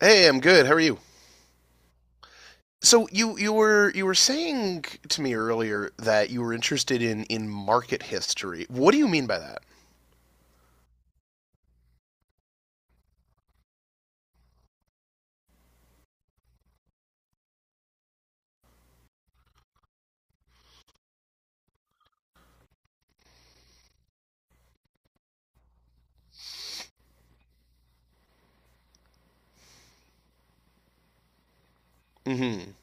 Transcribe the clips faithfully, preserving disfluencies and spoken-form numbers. Hey, I'm good. How are you? So you you were you were saying to me earlier that you were interested in in market history. What do you mean by that? Hmm.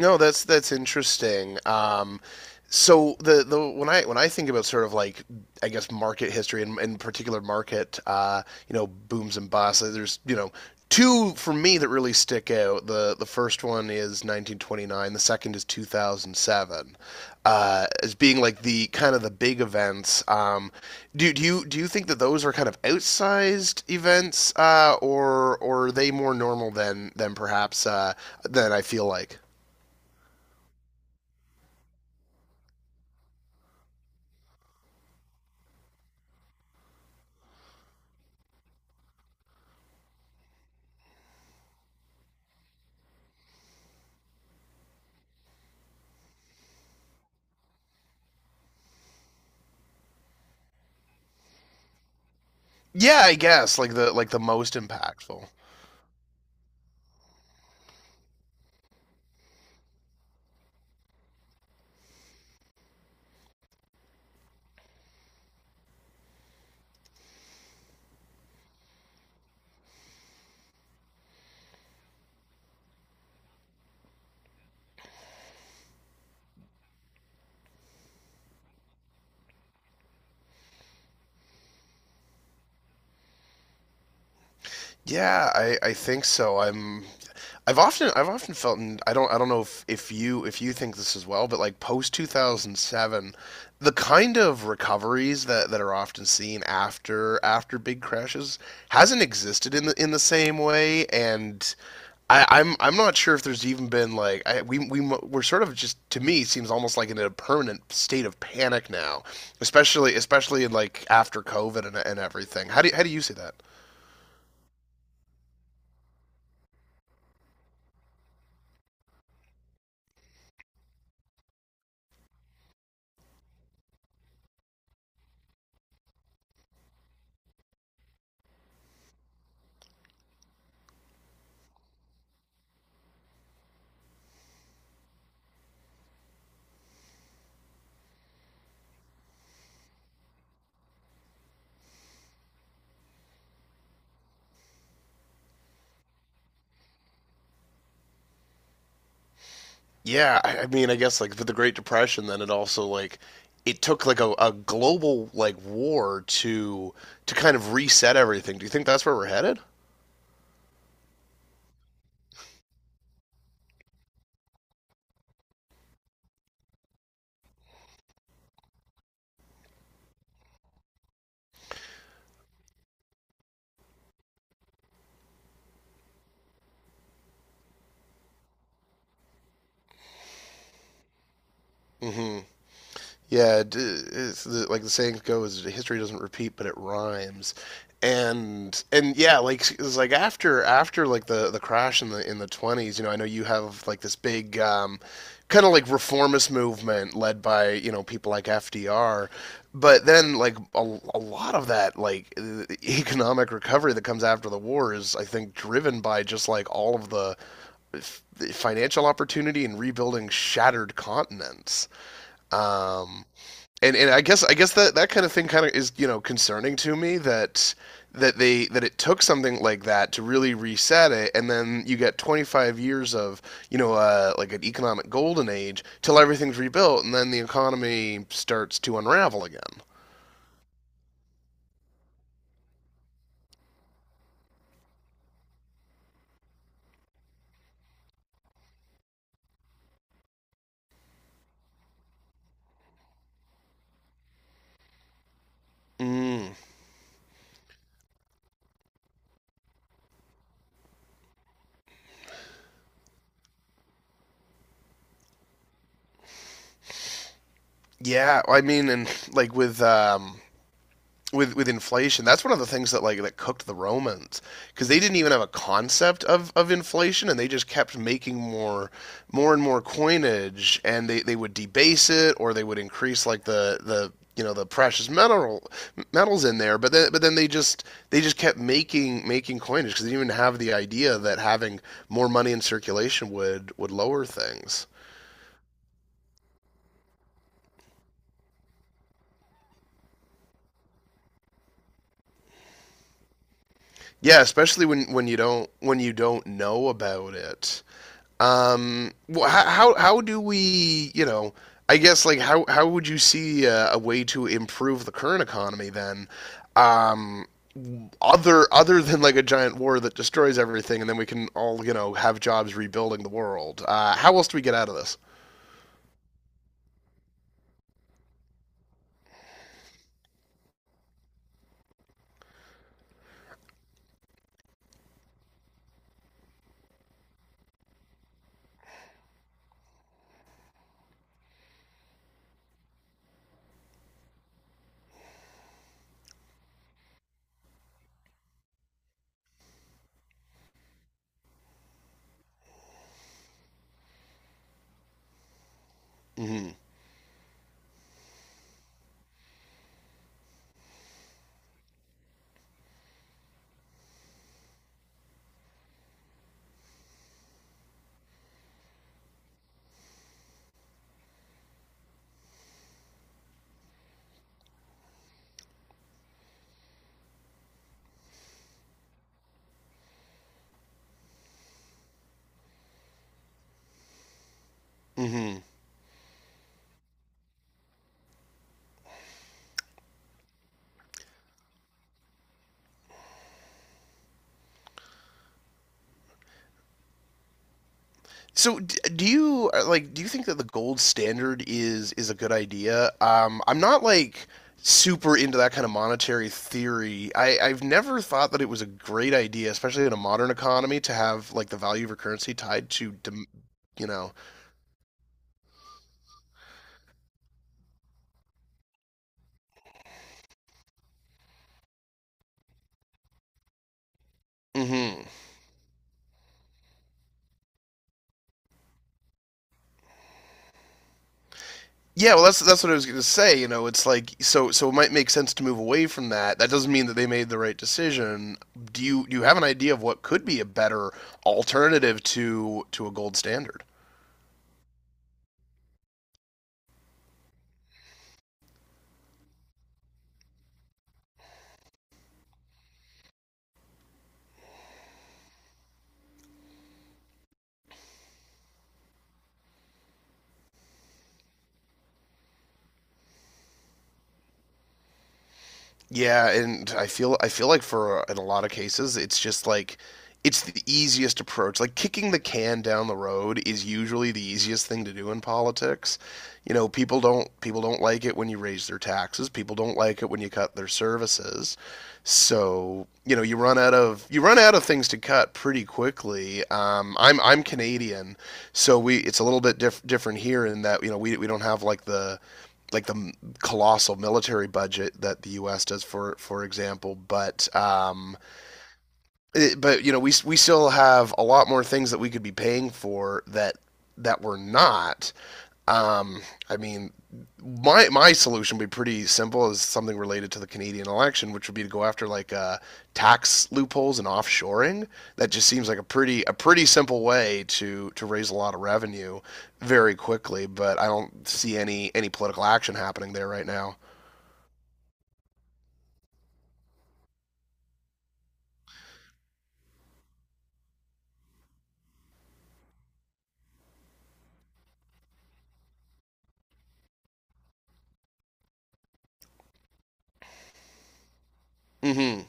No, that's that's interesting. Um, so the the when I when I think about sort of like, I guess, market history, and in particular market, uh, you know, booms and busts. uh, There's you know two for me that really stick out. The the first one is nineteen twenty-nine. The second is two thousand seven, uh, as being like the kind of the big events. Um, do do you do you think that those are kind of outsized events, uh, or or are they more normal than than perhaps uh, than I feel like? Yeah, I guess like the like the most impactful. Yeah, I, I think so. I'm I've often I've often felt, and I don't I don't know if, if you if you think this as well, but like post two thousand seven, the kind of recoveries that, that are often seen after, after big crashes hasn't existed in the in the same way. And I, I'm I'm not sure if there's even been like I, we we mo- we're sort of, just to me, seems almost like in a permanent state of panic now, especially especially in like after COVID, and, and everything. How do you, how do you see that? Yeah, I I mean, I guess like with the Great Depression, then it also like it took like a, a global like war to to kind of reset everything. Do you think that's where we're headed? Yeah, d- it's the, like the saying goes, history doesn't repeat, but it rhymes. And and yeah, like it was like after, after like the the crash in the in the twenties, you know, I know you have like this big um kind of like reformist movement led by, you know, people like F D R. But then like a, a lot of that like e, e, economic recovery that comes after the war is, I think, driven by just like all of the f- financial opportunity and rebuilding shattered continents. Um and and I guess I guess that that kind of thing kind of is, you know, concerning to me that that they that it took something like that to really reset it, and then you get twenty-five years of, you know, uh, like an economic golden age till everything's rebuilt, and then the economy starts to unravel again. Mm, yeah, I mean, and like with um, with with inflation, that's one of the things that like that cooked the romans because they didn't even have a concept of of inflation, and they just kept making more, more and more coinage, and they they would debase it, or they would increase like the the you know the precious metal metals in there, but then, but then they just they just kept making making coinage because they didn't even have the idea that having more money in circulation would would lower things, yeah, especially when when you don't, when you don't know about it. Um, how how do we, you know, I guess like how how would you see, uh, a way to improve the current economy then? Um, other other than like a giant war that destroys everything, and then we can all, you know, have jobs rebuilding the world. Uh, how else do we get out of this? Hmm. Hmm. So do you, uh, like do you think that the gold standard is is a good idea? Um, I'm not like super into that kind of monetary theory. I, I've never thought that it was a great idea, especially in a modern economy, to have like the value of a currency tied to, dem, you know. Hmm. Yeah, well, that's that's what I was going to say. You know, it's like, so so it might make sense to move away from that. That doesn't mean that they made the right decision. Do you do you have an idea of what could be a better alternative to to a gold standard? Yeah, and I feel I feel like for, uh, in a lot of cases it's just like it's the easiest approach. Like kicking the can down the road is usually the easiest thing to do in politics. You know, people don't people don't like it when you raise their taxes. People don't like it when you cut their services. So, you know, you run out of you run out of things to cut pretty quickly. Um, I'm I'm Canadian, so we, it's a little bit diff different here in that, you know, we we don't have like the like the colossal military budget that the U S does, for for example. But um, it, but you know, we we still have a lot more things that we could be paying for that that we're not. Um, I mean, my my solution would be pretty simple, is something related to the Canadian election, which would be to go after like, uh, tax loopholes and offshoring. That just seems like a pretty a pretty simple way to to raise a lot of revenue very quickly. But I don't see any any political action happening there right now. Hmm.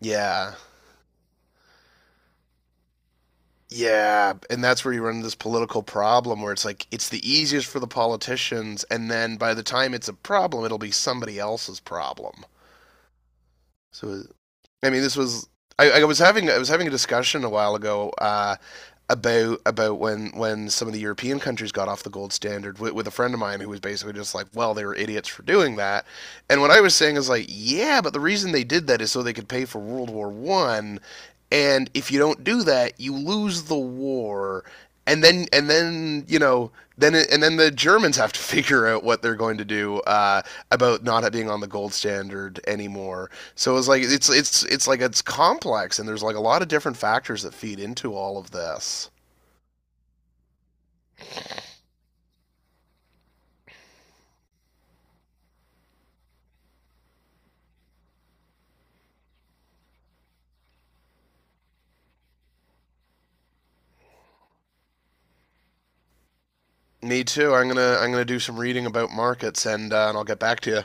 Yeah. Yeah, and that's where you run into this political problem, where it's like it's the easiest for the politicians, and then by the time it's a problem, it'll be somebody else's problem. So, I mean, this was, I, I was having, I was having a discussion a while ago, uh, about about when when some of the European countries got off the gold standard, with, with a friend of mine, who was basically just like, well, they were idiots for doing that. And what I was saying is like, yeah, but the reason they did that is so they could pay for World War One, and if you don't do that, you lose the war. And then, and then, you know, then, and then the Germans have to figure out what they're going to do, uh, about not being on the gold standard anymore. So it's like, it's it's it's like it's complex, and there's like a lot of different factors that feed into all of this. Me too. I'm gonna I'm gonna do some reading about markets, and, uh, and I'll get back to you.